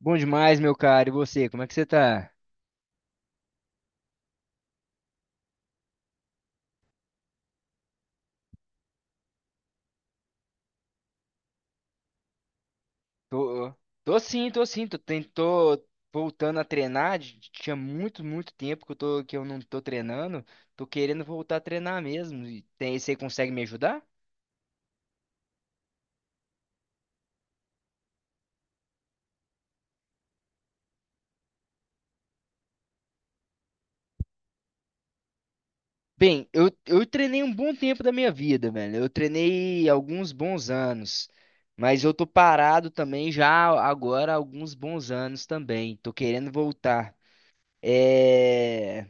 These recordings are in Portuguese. Bom demais, meu cara. E você, como é que você tá? Tô, tô sim, tô sim. Tô voltando a treinar. Tinha muito, muito tempo que eu não tô treinando. Tô querendo voltar a treinar mesmo. E tem, você consegue me ajudar? Bem, eu treinei um bom tempo da minha vida, velho. Eu treinei alguns bons anos. Mas eu tô parado também já agora há alguns bons anos também. Tô querendo voltar. É...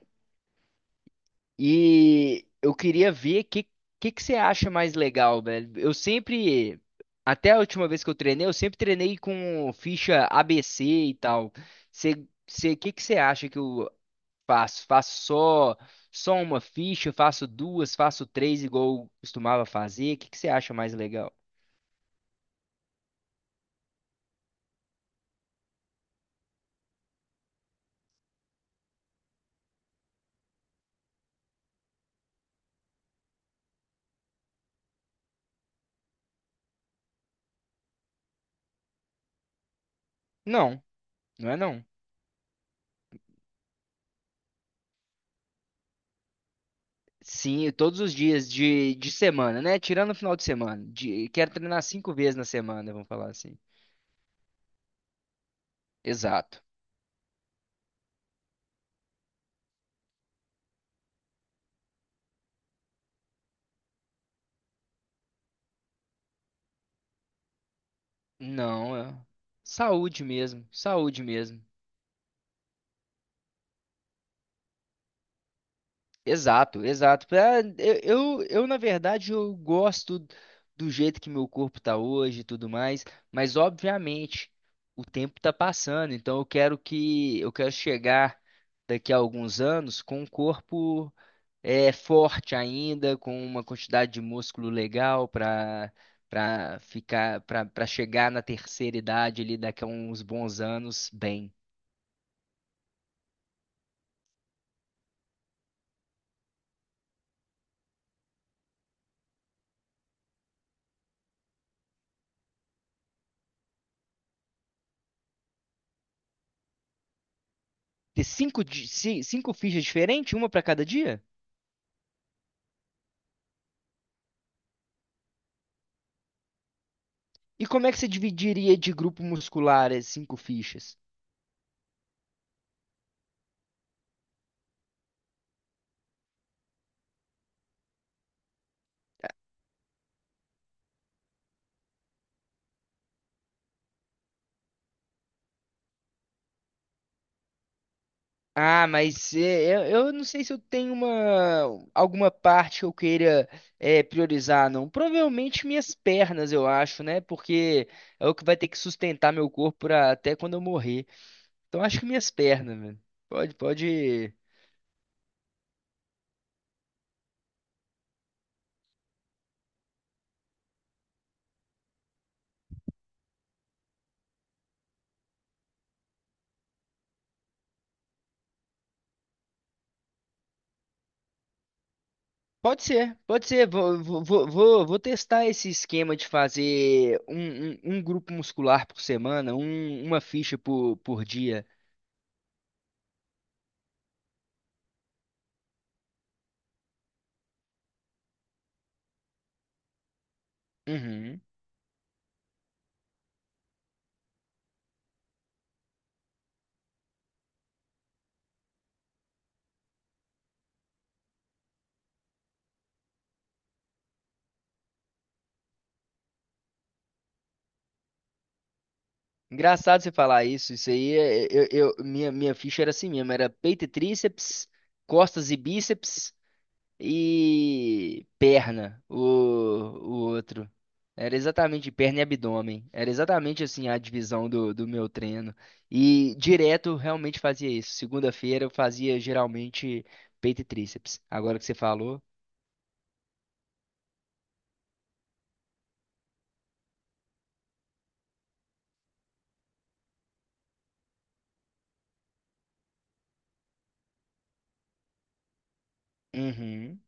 E eu queria ver o que você acha mais legal, velho. Eu sempre, até a última vez que eu treinei, eu sempre treinei com ficha ABC e tal. Você, que você acha que eu faço? Faço só uma ficha, faço duas, faço três, igual eu costumava fazer? O que, que você acha mais legal? Não, não é não. Sim, todos os dias de semana, né? Tirando o final de semana. Quero treinar cinco vezes na semana, vamos falar assim. Exato. Não, é saúde mesmo, saúde mesmo. Exato, exato. Eu, na verdade, eu gosto do jeito que meu corpo tá hoje e tudo mais, mas obviamente o tempo tá passando, então eu quero chegar daqui a alguns anos com um corpo forte ainda, com uma quantidade de músculo legal para para ficar para para chegar na terceira idade ali daqui a uns bons anos bem. Ter cinco fichas diferentes, uma para cada dia? E como é que você dividiria de grupo muscular as cinco fichas? Ah, mas eu não sei se eu tenho alguma parte que eu queira priorizar, não. Provavelmente minhas pernas, eu acho, né? Porque é o que vai ter que sustentar meu corpo até quando eu morrer. Então acho que minhas pernas, velho. Pode, pode. Pode ser, pode ser. Vou testar esse esquema de fazer um grupo muscular por semana, uma ficha por dia. Uhum. Engraçado você falar isso. Isso aí, minha ficha era assim mesmo: era peito e tríceps, costas e bíceps, e perna, o outro. Era exatamente perna e abdômen. Era exatamente assim a divisão do meu treino. E direto eu realmente fazia isso. Segunda-feira eu fazia geralmente peito e tríceps. Agora que você falou, uhum,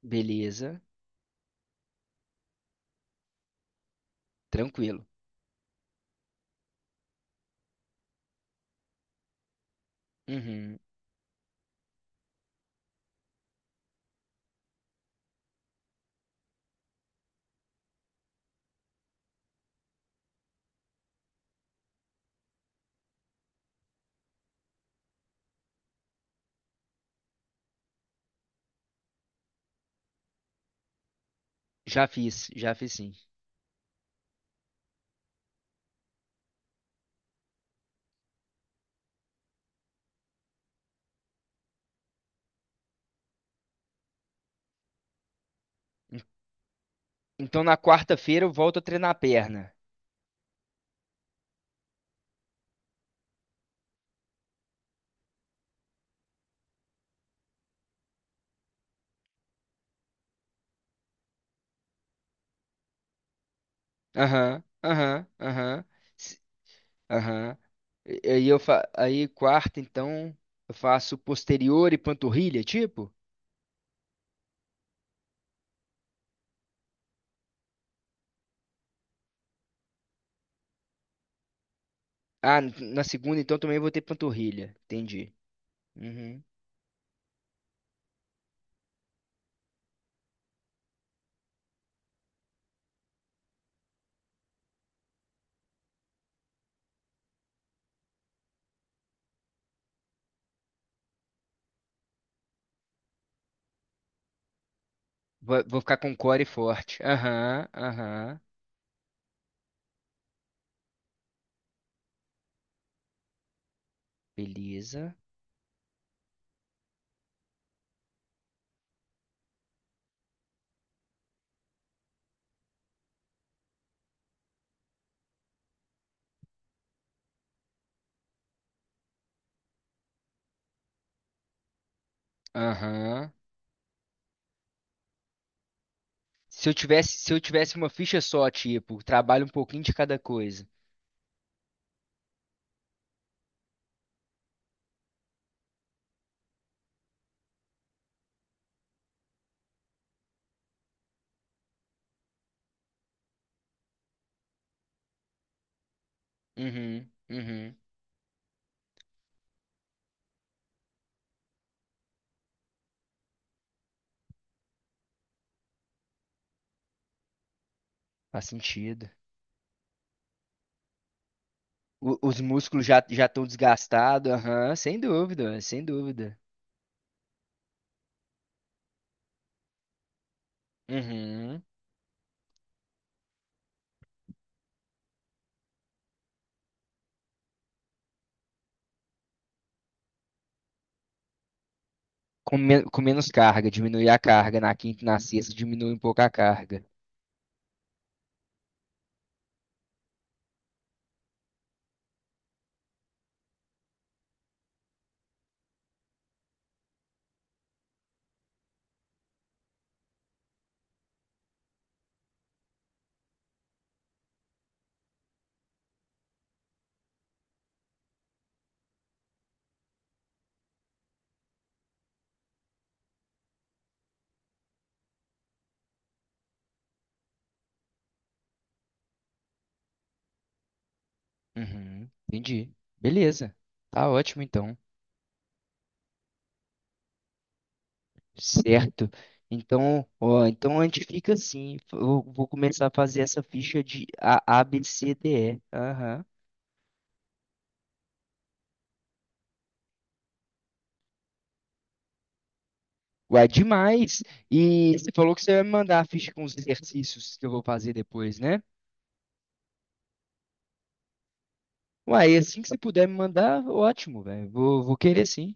beleza, tranquilo. Uhum, já fiz sim. Então na quarta-feira eu volto a treinar a perna. Aham, aham, aham. Aham. E aí quarta então eu faço posterior e panturrilha, tipo? Ah, na segunda então também vou ter panturrilha. Entendi. Uhum. Vou ficar com core forte. Aham, aham. Beleza. Aham. Se eu tivesse uma ficha só, tipo, trabalho um pouquinho de cada coisa. Uhum, uhum. Faz sentido. Os músculos já estão desgastados, aham, sem dúvida, sem dúvida. Uhum. Com menos carga, diminuir a carga na quinta e na sexta, diminui um pouco a carga. Uhum, entendi. Beleza. Tá ótimo então. Certo. Então, ó, então a gente fica assim. Eu vou começar a fazer essa ficha de A, B, C, D, E. Aham. Ué, demais! E você falou que você vai me mandar a ficha com os exercícios que eu vou fazer depois, né? Uai, assim que você puder me mandar, ótimo, velho. Vou querer sim.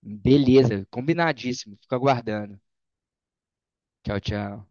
Beleza, combinadíssimo. Fico aguardando. Tchau, tchau.